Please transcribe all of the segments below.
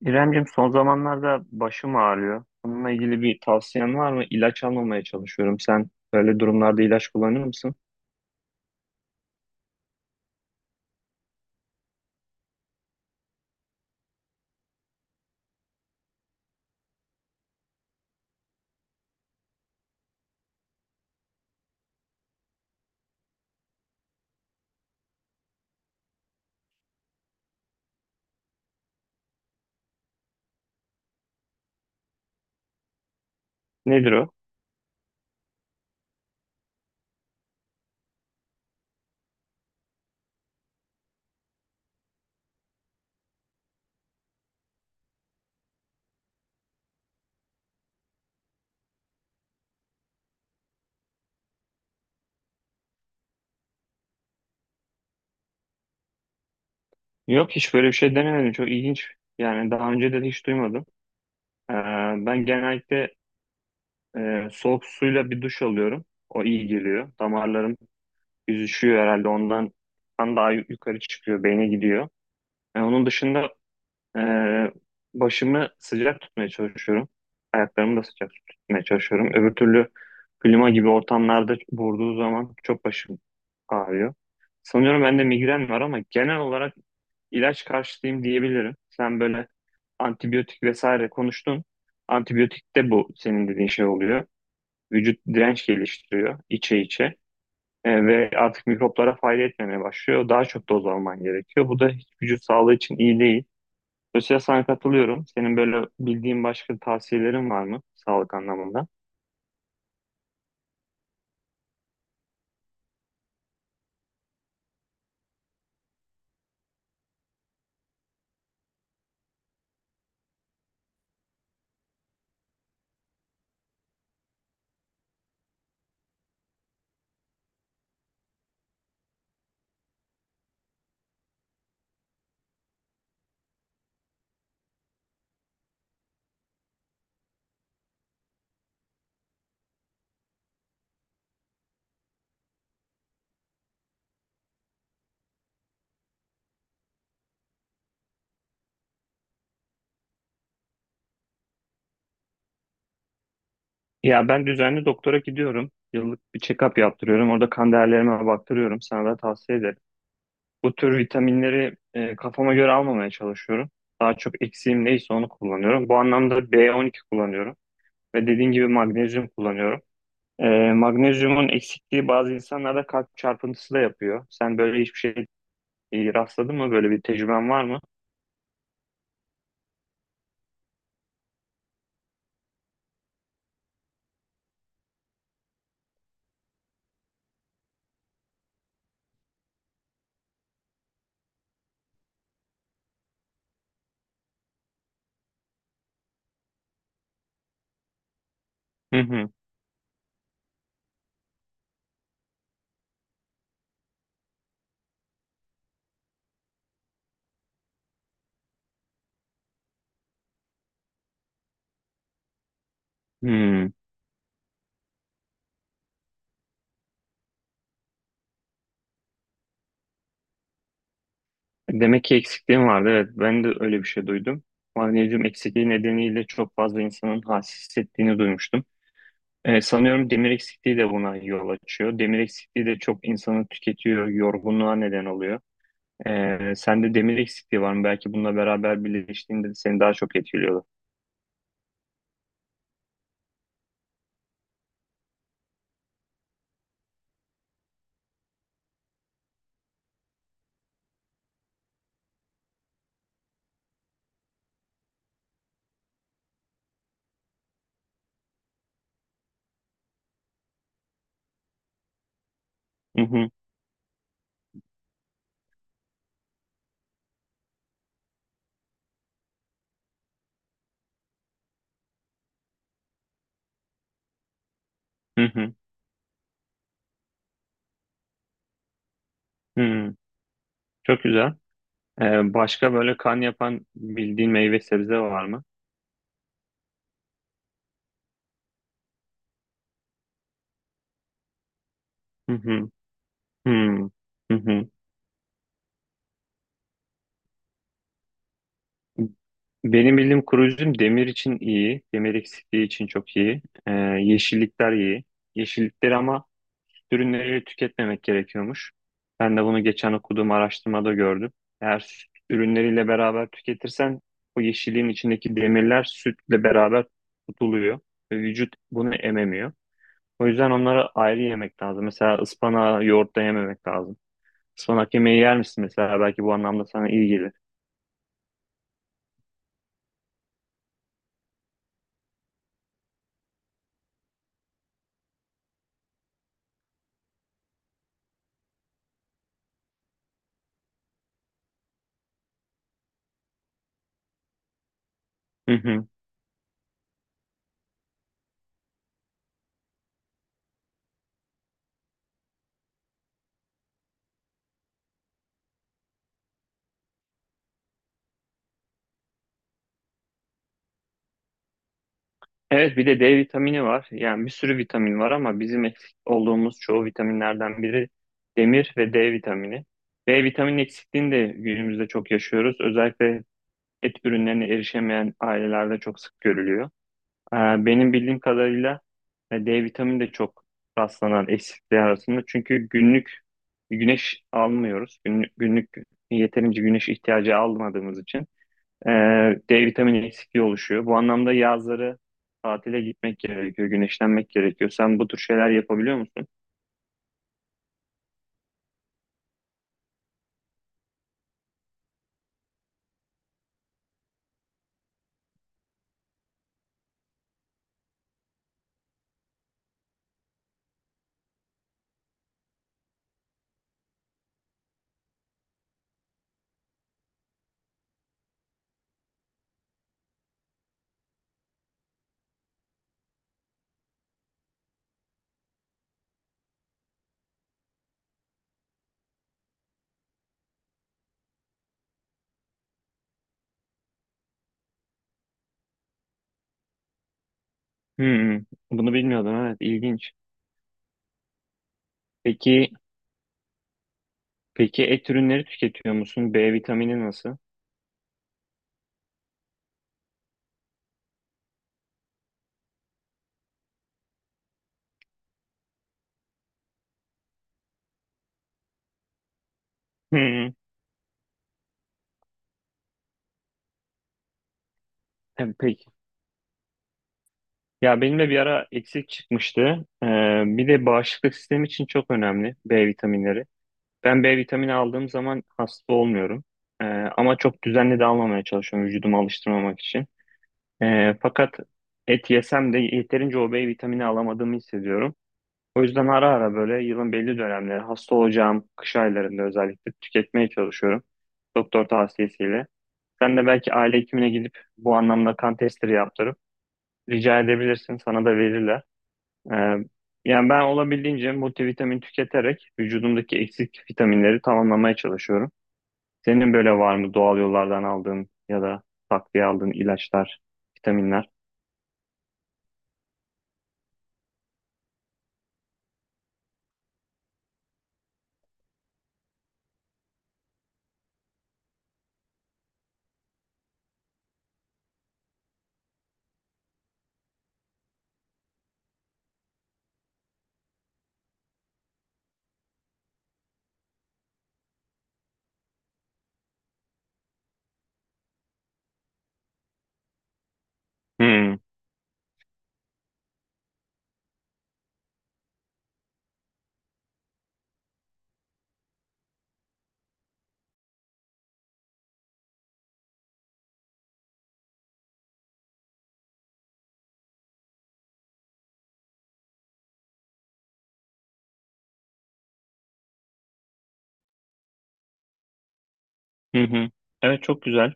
İremcim, son zamanlarda başım ağrıyor. Bununla ilgili bir tavsiyen var mı? İlaç almamaya çalışıyorum. Sen böyle durumlarda ilaç kullanır mısın? Nedir o? Yok, hiç böyle bir şey denemedim. Çok ilginç. Yani daha önce de hiç duymadım. Ee, Ben genellikle soğuk suyla bir duş alıyorum. O iyi geliyor. Damarlarım yüzüşüyor herhalde, ondan kan daha yukarı çıkıyor, beyne gidiyor. Yani onun dışında Ee, başımı sıcak tutmaya çalışıyorum. Ayaklarımı da sıcak tutmaya çalışıyorum. Öbür türlü klima gibi ortamlarda vurduğu zaman çok başım ağrıyor. Sanıyorum bende migren var ama genel olarak ilaç karşıtıyım diyebilirim. Sen böyle antibiyotik vesaire konuştun. Antibiyotik de bu senin dediğin şey oluyor. Vücut direnç geliştiriyor içe içe. Ve artık mikroplara fayda etmemeye başlıyor. Daha çok doz alman gerekiyor. Bu da hiç vücut sağlığı için iyi değil. Mesela sana katılıyorum. Senin böyle bildiğin başka tavsiyelerin var mı sağlık anlamında? Ya, ben düzenli doktora gidiyorum. Yıllık bir check-up yaptırıyorum. Orada kan değerlerime baktırıyorum. Sana da tavsiye ederim. Bu tür vitaminleri kafama göre almamaya çalışıyorum. Daha çok eksiğim neyse onu kullanıyorum. Bu anlamda B12 kullanıyorum. Ve dediğin gibi magnezyum kullanıyorum. E, Magnezyumun eksikliği bazı insanlarda kalp çarpıntısı da yapıyor. Sen böyle hiçbir şey rastladın mı? Böyle bir tecrüben var mı? Hı hı. Hmm. Demek ki eksikliğim vardı. Evet, ben de öyle bir şey duydum. Magnezyum eksikliği nedeniyle çok fazla insanın halsiz hissettiğini duymuştum. Sanıyorum demir eksikliği de buna yol açıyor. Demir eksikliği de çok insanı tüketiyor, yorgunluğa neden oluyor. Sende demir eksikliği var mı? Belki bununla beraber birleştiğinde seni daha çok etkiliyorlar. Hı hı, hı hı, hı hı. Çok güzel. Başka böyle kan yapan bildiğin meyve sebze var mı? Hı hı, hı hı, hı hı. Benim bildiğim koruyucum demir için iyi. Demir eksikliği için çok iyi. Yeşillikler iyi. Yeşillikleri ama ürünleri tüketmemek gerekiyormuş. Ben de bunu geçen okuduğum araştırmada gördüm. Eğer süt ürünleriyle beraber tüketirsen o yeşilliğin içindeki demirler sütle beraber tutuluyor. Ve vücut bunu ememiyor. O yüzden onları ayrı yemek lazım. Mesela ıspanağı yoğurtla yememek lazım. Ispanak yemeği yer misin mesela? Belki bu anlamda sana iyi gelir. Evet, bir de D vitamini var. Yani bir sürü vitamin var ama bizim eksik olduğumuz çoğu vitaminlerden biri demir ve D vitamini. D vitamini eksikliğini de günümüzde çok yaşıyoruz. Özellikle et ürünlerine erişemeyen ailelerde çok sık görülüyor. Ee, Benim bildiğim kadarıyla D vitamini de çok rastlanan eksikliği arasında. Çünkü günlük güneş almıyoruz. Günlük, günlük yeterince güneş ihtiyacı almadığımız için. E, D vitamini eksikliği oluşuyor. Bu anlamda yazları tatile gitmek gerekiyor, güneşlenmek gerekiyor. Sen bu tür şeyler yapabiliyor musun? Hmm, bunu bilmiyordum. Evet, ilginç. Peki, peki et ürünleri tüketiyor musun? B vitamini nasıl? Hmm, peki. Ya, benim de bir ara eksik çıkmıştı. E, Bir de bağışıklık sistemi için çok önemli B vitaminleri. Ben B vitamini aldığım zaman hasta olmuyorum. Ama çok düzenli de almamaya çalışıyorum vücudumu alıştırmamak için. Fakat et yesem de yeterince o B vitamini alamadığımı hissediyorum. O yüzden ara ara böyle yılın belli dönemleri hasta olacağım kış aylarında özellikle tüketmeye çalışıyorum. Doktor tavsiyesiyle. Sen de belki aile hekimine gidip bu anlamda kan testleri yaptırıp rica edebilirsin. Sana da verirler. Ee, Yani ben olabildiğince multivitamin tüketerek vücudumdaki eksik vitaminleri tamamlamaya çalışıyorum. Senin böyle var mı doğal yollardan aldığın ya da takviye aldığın ilaçlar, vitaminler? Hmm. Hı hı. Evet, çok güzel.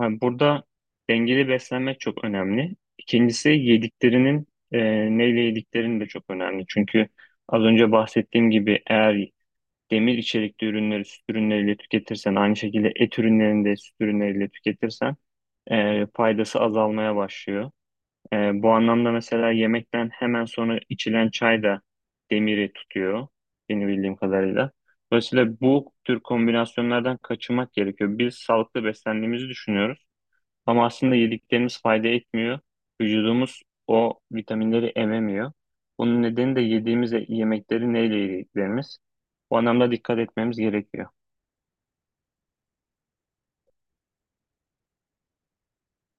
Yani burada dengeli beslenmek çok önemli. İkincisi yediklerinin neyle yediklerin de çok önemli. Çünkü az önce bahsettiğim gibi eğer demir içerikli ürünleri süt ürünleriyle tüketirsen aynı şekilde et ürünlerini de süt ürünleriyle tüketirsen faydası azalmaya başlıyor. Bu anlamda mesela yemekten hemen sonra içilen çay da demiri tutuyor benim bildiğim kadarıyla. Dolayısıyla bu tür kombinasyonlardan kaçınmak gerekiyor. Biz sağlıklı beslendiğimizi düşünüyoruz ama aslında yediklerimiz fayda etmiyor. Vücudumuz o vitaminleri ememiyor. Bunun nedeni de yediğimiz yemekleri neyle yediklerimiz. Bu anlamda dikkat etmemiz gerekiyor.